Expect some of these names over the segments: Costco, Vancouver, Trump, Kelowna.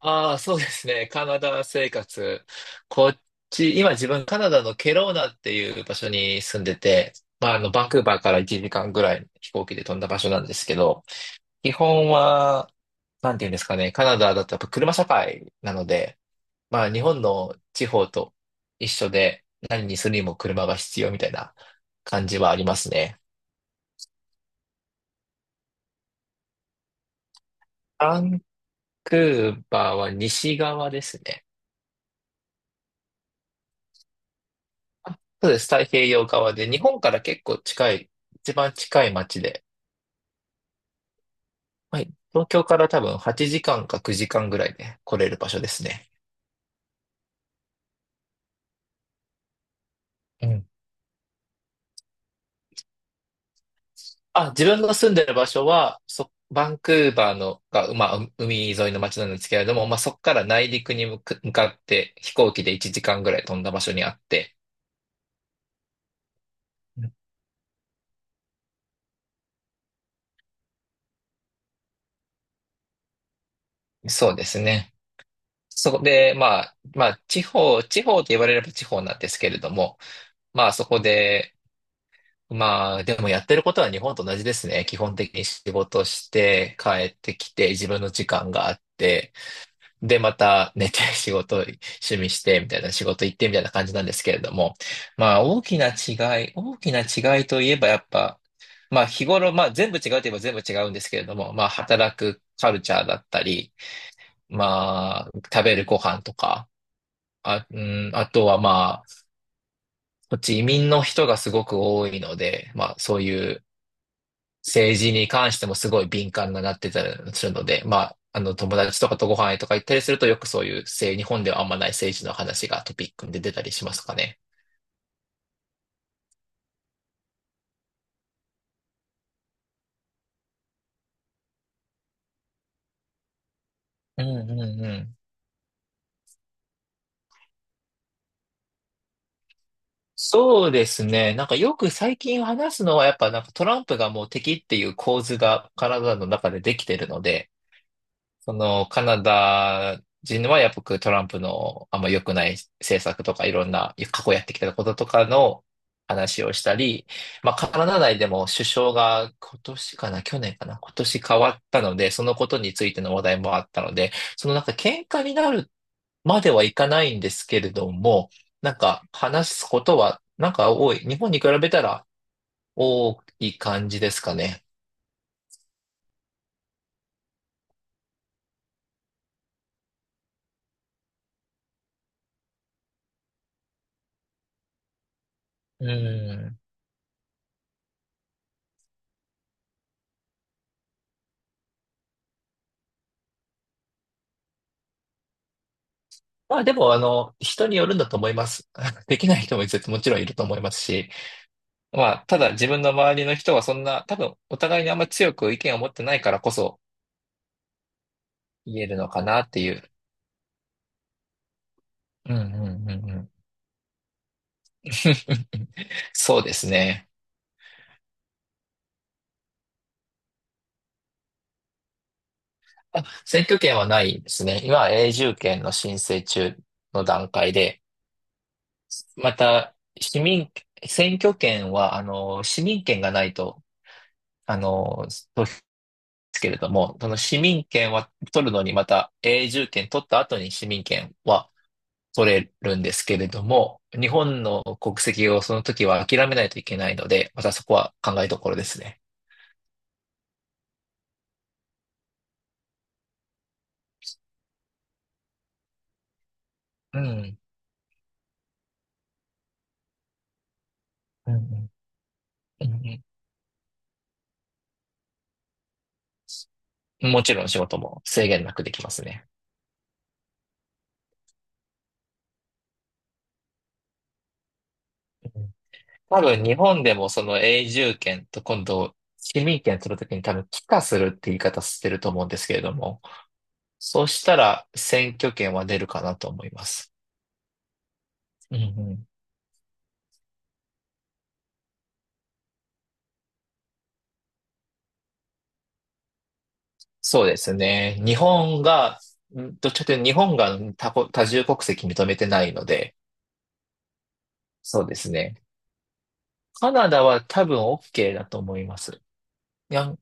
ああ、そうですね。カナダ生活。こっち、今自分カナダのケローナっていう場所に住んでて、まあ、バンクーバーから1時間ぐらい飛行機で飛んだ場所なんですけど、基本は、なんていうんですかね、カナダだとやっぱ車社会なので、まあ、日本の地方と一緒で、何にするにも車が必要みたいな感じはありますね。バンクーバーは西側ですね。あ、そうです。太平洋側で、日本から結構近い、一番近い町で、はい。東京から多分8時間か9時間ぐらいで来れる場所ですね。うん。あ、自分の住んでる場所は、バンクーバーのが、まあ、海沿いの町なんですけれども、まあ、そこから内陸に向かって飛行機で1時間ぐらい飛んだ場所にあって、うん。そうですね。そこで、まあ、まあ、地方、地方と言われれば地方なんですけれども、まあ、そこで、まあ、でもやってることは日本と同じですね。基本的に仕事して帰ってきて自分の時間があって、で、また寝て 仕事、趣味してみたいな仕事行ってみたいな感じなんですけれども、まあ、大きな違いといえばやっぱ、まあ、日頃、まあ、全部違うといえば全部違うんですけれども、まあ、働くカルチャーだったり、まあ、食べるご飯とか、あ、うん、あとはまあ、こっち移民の人がすごく多いので、まあ、そういう、政治に関してもすごい敏感になってたりするので、まあ、友達とかとご飯へとか行ったりすると、よくそういう日本ではあんまない政治の話がトピックで出たりしますかね。うんうんうん。そうですね。なんかよく最近話すのは、やっぱなんかトランプがもう敵っていう構図がカナダの中でできてるので、その、カナダ人はやっぱりトランプのあんま良くない政策とかいろんな過去やってきたこととかの話をしたり、まあカナダ内でも首相が今年かな、去年かな、今年変わったので、そのことについての話題もあったので、そのなんか喧嘩になるまではいかないんですけれども、なんか話すことはなんか多い。日本に比べたら多い感じですかね。うん。まあでも、人によるんだと思います。できない人も絶対もちろんいると思いますし、まあ、ただ自分の周りの人はそんな、多分お互いにあんま強く意見を持ってないからこそ言えるのかなっていう。うんうんうんうん。そうですね。あ、選挙権はないですね。今は永住権の申請中の段階で、また、市民、選挙権は、市民権がないと、あの、投ですけれども、その市民権は取るのにまた永住権取った後に市民権は取れるんですけれども、日本の国籍をその時は諦めないといけないので、またそこは考えどころですね。うん。うんうんうんうん。もちろん仕事も制限なくできますね。うん。多分日本でもその永住権と今度市民権取るときに多分帰化するって言い方してると思うんですけれども、そうしたら選挙権は出るかなと思います。うんうん。そうですね。日本が、どっちかというと日本が多重国籍認めてないので、そうですね。カナダは多分 OK だと思います。いや、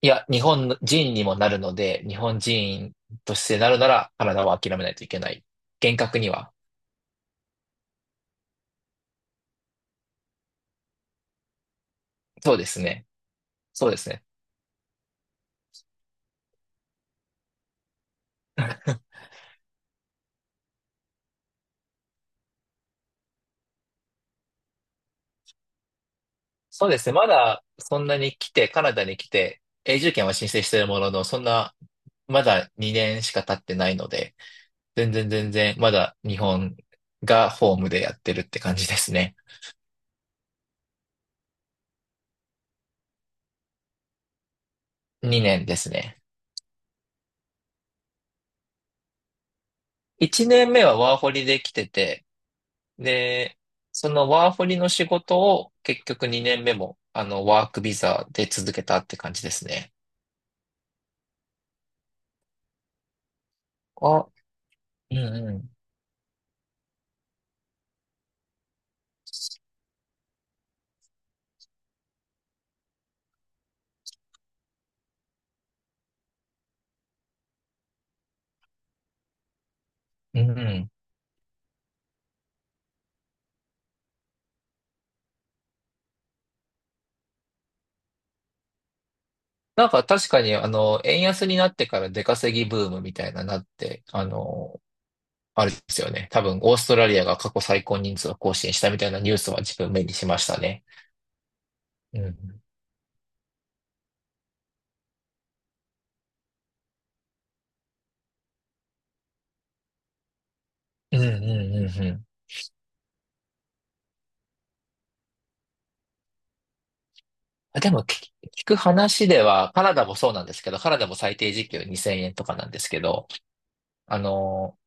いや、日本人にもなるので、日本人としてなるならカナダは諦めないといけない。厳格には。そうですね。そうですね。そうですね。まだそんなに来て、カナダに来て、永住権は申請しているものの、そんな、まだ2年しか経ってないので、全然全然、まだ日本がホームでやってるって感じですね。2年ですね。1年目はワーホリで来てて、で、そのワーホリの仕事を結局2年目も、ワークビザで続けたって感じですね。あ、うんうん。うんうん。なんか確かに、円安になってから出稼ぎブームみたいななって、あれですよね。多分、オーストラリアが過去最高人数を更新したみたいなニュースは自分目にしましたね。うん。うんうんうんうん。あ、でも聞く話では、カナダもそうなんですけど、カナダも最低時給2000円とかなんですけど、あのー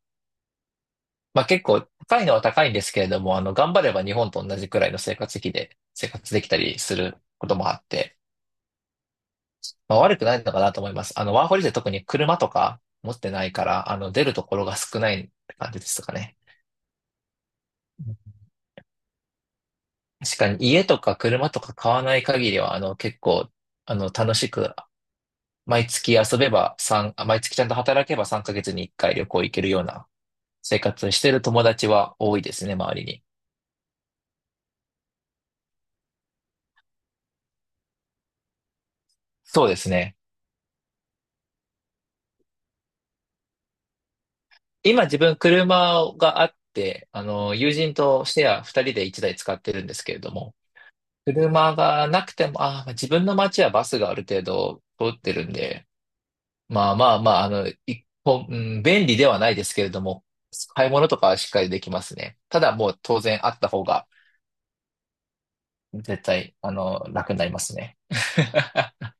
まあ、結構高いのは高いんですけれども、頑張れば日本と同じくらいの生活費で生活できたりすることもあって、まあ、悪くないのかなと思います。ワーホリで特に車とか持ってないから、出るところが少ないって感じですかね。確かに家とか車とか買わない限りは、結構、楽しく毎月遊べば三あ毎月ちゃんと働けば3ヶ月に1回旅行行けるような生活をしてる友達は多いですね、周りに。そうですね。今自分車があって、友人とシェア2人で1台使ってるんですけれども、車がなくても、自分の街はバスがある程度通ってるんで、まあまあまあ、一本、うん便利ではないですけれども、買い物とかはしっかりできますね。ただもう当然あった方が絶対、楽になりますね。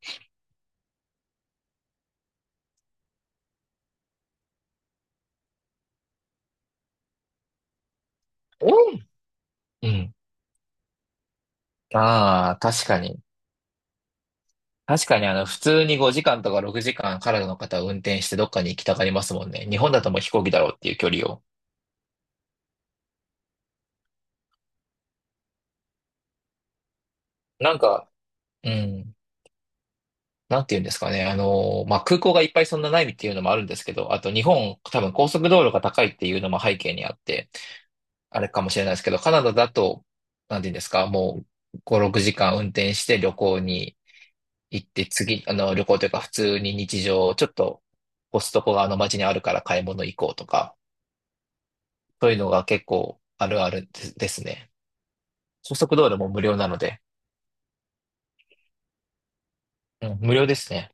えうん。ああ、確かに。確かに、普通に5時間とか6時間カナダの方は運転してどっかに行きたがりますもんね。日本だともう飛行機だろうっていう距離を。なんか、うん。なんて言うんですかね。まあ、空港がいっぱいそんなないっていうのもあるんですけど、あと日本、多分高速道路が高いっていうのも背景にあって、あれかもしれないですけど、カナダだと、なんて言うんですか、もう5、6時間運転して旅行に行って次、旅行というか普通に日常、ちょっとコストコがあの街にあるから買い物行こうとか、そういうのが結構あるあるですね。高速道路も無料なので、うん、無料ですね。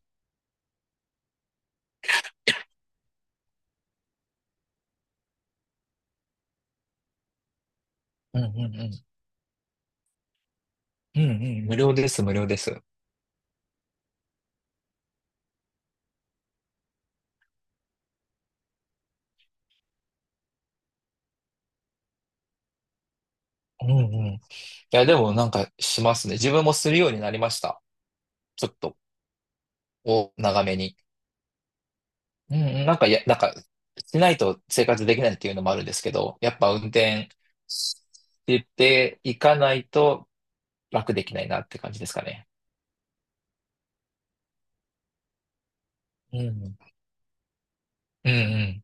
うんうんうん。うんうん、無料です、無料です。うんうん。いや、でもなんかしますね。自分もするようになりました。ちょっと、長めに。うんうん、なんか、しないと生活できないっていうのもあるんですけど、やっぱ運転していかないと、楽できないなって感じですかね。うん。うんうん。